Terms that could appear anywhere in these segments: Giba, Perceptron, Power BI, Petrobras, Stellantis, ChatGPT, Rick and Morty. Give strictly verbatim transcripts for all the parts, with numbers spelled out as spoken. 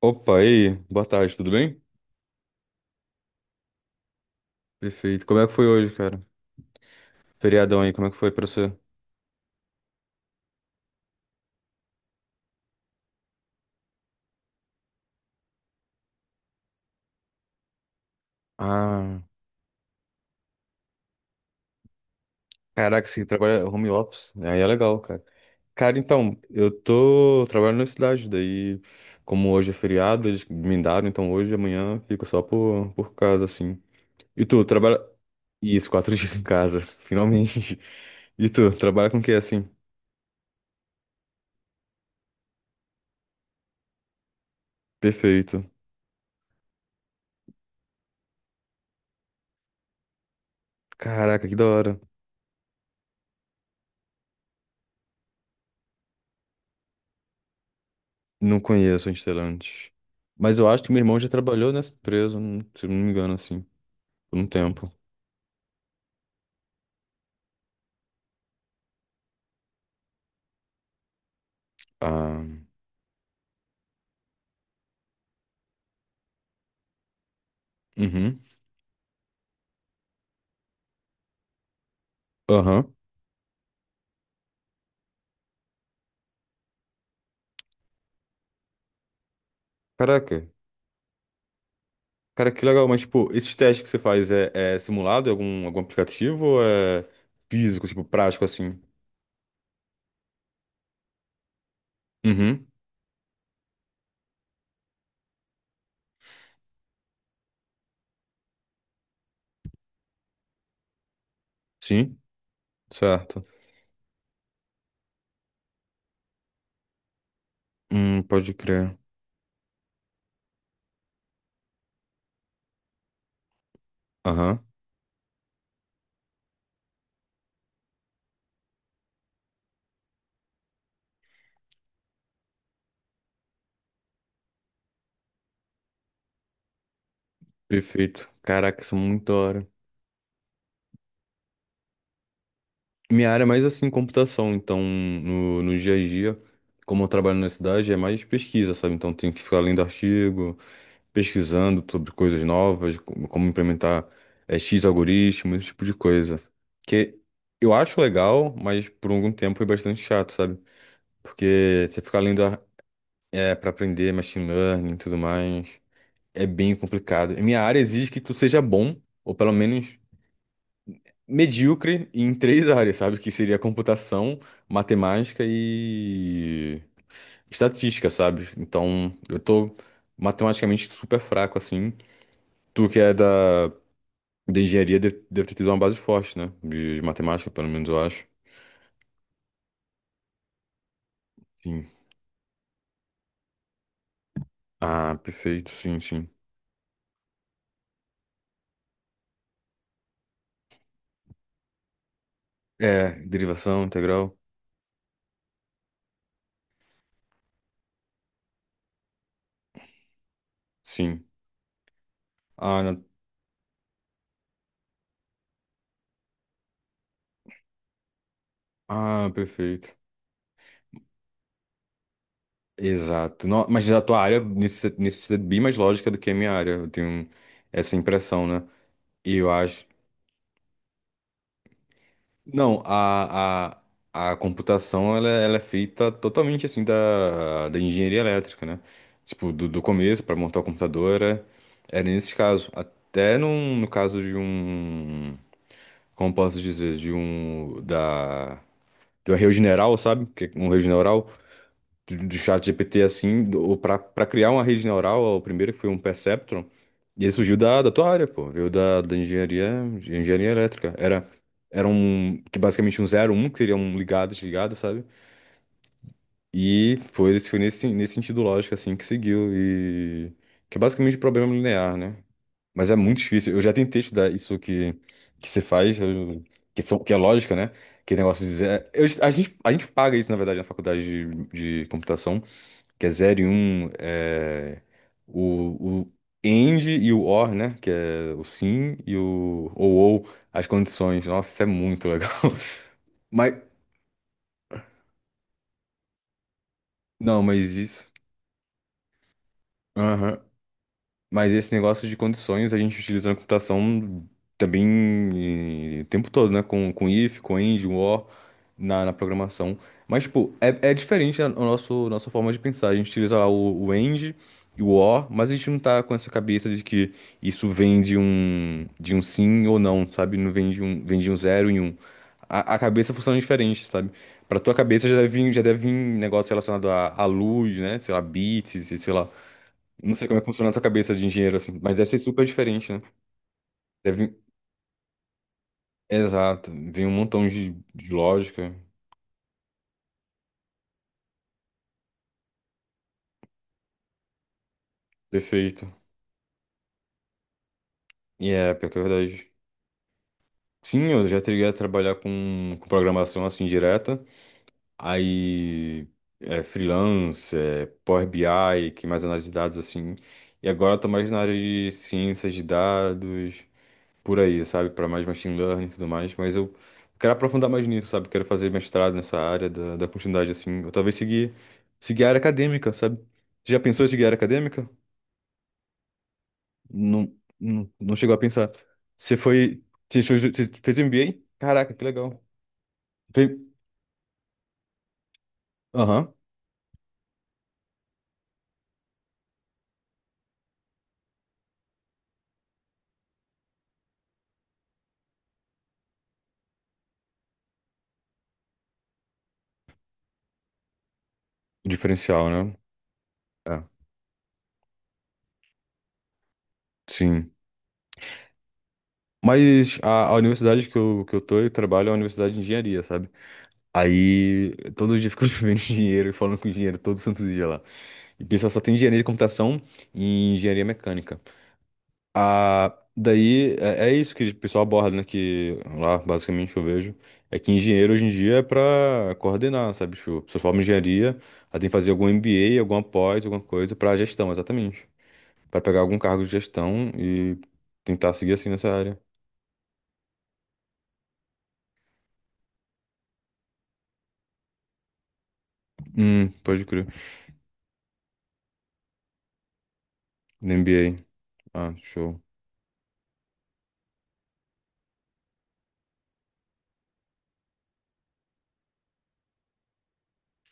Opa, e aí? Boa tarde, tudo bem? Perfeito. Como é que foi hoje, cara? Feriadão aí, como é que foi pra você? Ah, caraca, você trabalha home office. Aí é legal, cara. Cara, então, eu tô trabalhando na cidade, daí, como hoje é feriado, eles me daram, então hoje e amanhã fico só por, por casa, assim. E tu, trabalha. Isso, quatro dias em casa, finalmente. E tu, trabalha com o que, assim? Perfeito. Caraca, que da hora. Não conheço a Stellantis. Mas eu acho que meu irmão já trabalhou nessa empresa, não- se eu não me engano, assim, por um tempo. Ah, uhum, aham. Caraca, cara, que legal. Mas, tipo, esses testes que você faz é, é simulado em algum, algum aplicativo ou é físico, tipo, prático, assim? Uhum, sim, certo. Hum, pode crer. Aham, perfeito. Caraca, isso é muito da hora. Minha área é mais, assim, computação, então, no, no dia a dia, como eu trabalho na cidade, é mais pesquisa, sabe? Então, tenho que ficar lendo artigo, pesquisando sobre coisas novas, como como implementar eh, X algoritmos, esse tipo de coisa. Que eu acho legal, mas por algum tempo foi bastante chato, sabe? Porque você ficar lendo a- é, para aprender machine learning e tudo mais, é bem complicado. E minha área exige que tu seja bom, ou pelo menos medíocre, em três áreas, sabe? Que seria computação, matemática e estatística, sabe? Então, eu tô matematicamente super fraco, assim. Tu que é da De engenharia deve, deve ter tido uma base forte, né? De, de matemática, pelo menos eu acho. Sim. Ah, perfeito, sim, sim. É, derivação, integral, sim. Ah, na- ah, perfeito. Exato. No- mas a tua área necessita, necessita bem mais lógica do que a minha área. Eu tenho essa impressão, né? E eu acho. Não, a, a, a computação ela, ela é feita totalmente assim da, da engenharia elétrica, né? Tipo, do, do começo para montar a computadora, era era nesse caso. Até num, no caso de um, como posso dizer, de um, da, de um arreio general, sabe? Que é um arreio general do, do ChatGPT assim, do- pra para criar uma rede neural, o primeiro que foi um Perceptron, e ele surgiu da, da tua área, pô, veio da, da engenharia, de engenharia elétrica. Era era um que basicamente um zero um que seria um ligado, desligado, sabe? E foi esse foi nesse nesse sentido lógico assim que seguiu e que é basicamente problema linear, né? Mas é muito difícil. Eu já tentei estudar isso que que você faz, eu- que são que é lógica, né? Que negócio de dizer, eu- a gente a gente paga isso na verdade na faculdade de de computação que é zero e um, é, o, o AND e o OR, né? Que é o sim e o ou, ou as condições. Nossa, isso é muito legal. Mas, não, mas isso. Mas esse negócio de condições a gente utiliza na computação também eh, o tempo todo, né? Com, com if, com end, com or na, na programação. Mas, tipo, é, é diferente a, a nosso, nossa forma de pensar. A gente utiliza lá o, o end e o or, mas a gente não tá com essa cabeça de que isso vem de um, de um sim ou não, sabe? Não vem de um, vem de um zero e um. A, a cabeça funciona diferente, sabe? Pra tua cabeça já deve vir, já deve vir um negócio relacionado à à luz, né? Sei lá, bits, e sei lá. Não sei como é que funciona a sua cabeça de engenheiro, assim, mas deve ser super diferente, né? Deve... Exato, vem um montão de, de lógica, perfeito. E é, pior que é verdade. Sim, eu já teria a trabalhar com, com programação assim direta, aí é, freelance, é, Power B I, que é mais análise de dados assim. E agora eu tô mais na área de ciências de dados, por aí, sabe? Para mais machine learning e tudo mais. Mas eu quero aprofundar mais nisso, sabe? Quero fazer mestrado nessa área da, da continuidade, assim. Ou talvez seguir, seguir a área acadêmica, sabe? Você já pensou em seguir a área acadêmica? Não, não, não chegou a pensar. Você foi. Você fez você fez M B A? Caraca, que legal. Fe- Aham. O diferencial, né? É, sim. Mas a, a universidade que eu, que eu tô e trabalho é uma universidade de engenharia, sabe? Aí todo dia eu fico vendo dinheiro e falando com o engenheiro todo santo dia lá. E o pessoal só tem engenharia de computação e engenharia mecânica. Ah, daí é, é isso que o pessoal aborda, né? Que lá, basicamente, eu vejo. É que engenheiro hoje em dia é pra coordenar, sabe? Tipo, a pessoa forma em engenharia, ela tem que fazer algum M B A, alguma pós, alguma coisa pra gestão, exatamente. Pra pegar algum cargo de gestão e tentar seguir assim nessa área. Hum, pode crer. No M B A. Ah, show.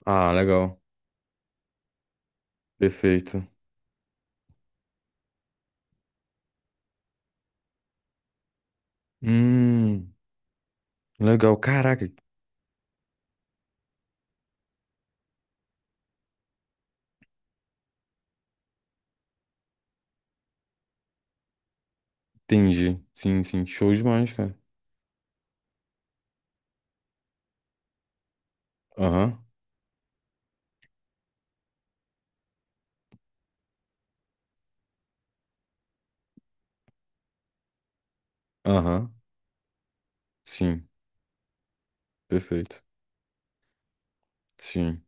Ah, legal. Perfeito. Hum, legal. Caraca, entendi. Sim, sim, show demais, cara. Aham, aham, sim, perfeito. Sim,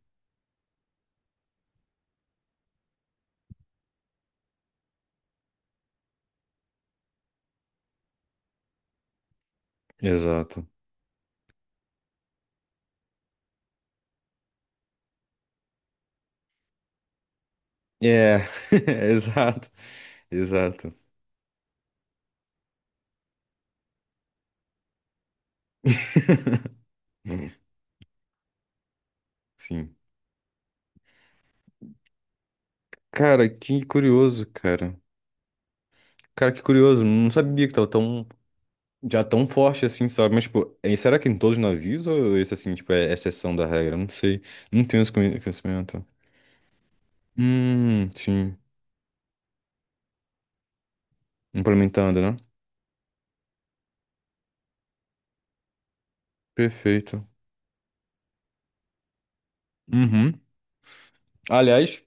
exato. É, exato, exato. Sim. Cara, que curioso, cara. Cara, que curioso. Não sabia que tava tão, já tão forte assim, sabe? Mas, tipo, é- será que em todos os navios ou esse, assim, tipo, é exceção da regra? Não sei. Não tenho esse conhe- conhecimento. Hum, sim. Implementando, né? Perfeito. Uhum. Aliás,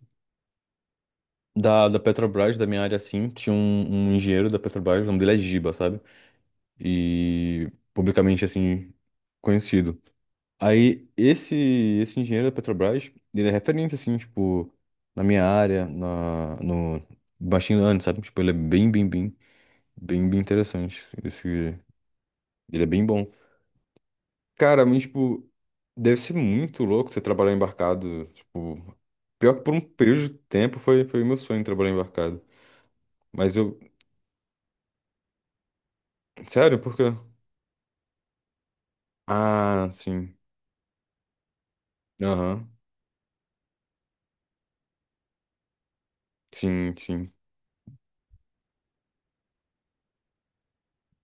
Da, da Petrobras, da minha área, assim, tinha um, um engenheiro da Petrobras, o nome dele é Giba, sabe? E publicamente, assim, conhecido. Aí, esse, esse engenheiro da Petrobras, ele é referência, assim, tipo, na minha área, na, no machine learning, sabe? Tipo, ele é bem, bem, bem, bem, bem interessante. Esse, ele é bem bom. Cara, mas, tipo, deve ser muito louco você trabalhar embarcado, tipo... Pior que por um período de tempo foi, foi meu sonho trabalhar embarcado. Mas eu... Sério, por quê? Ah, sim. Aham. Sim, sim.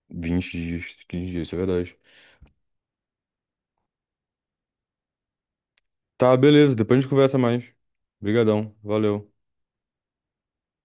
Vinte dias, quinze dias, isso é verdade. Tá, beleza. Depois a gente conversa mais. Obrigadão. Valeu.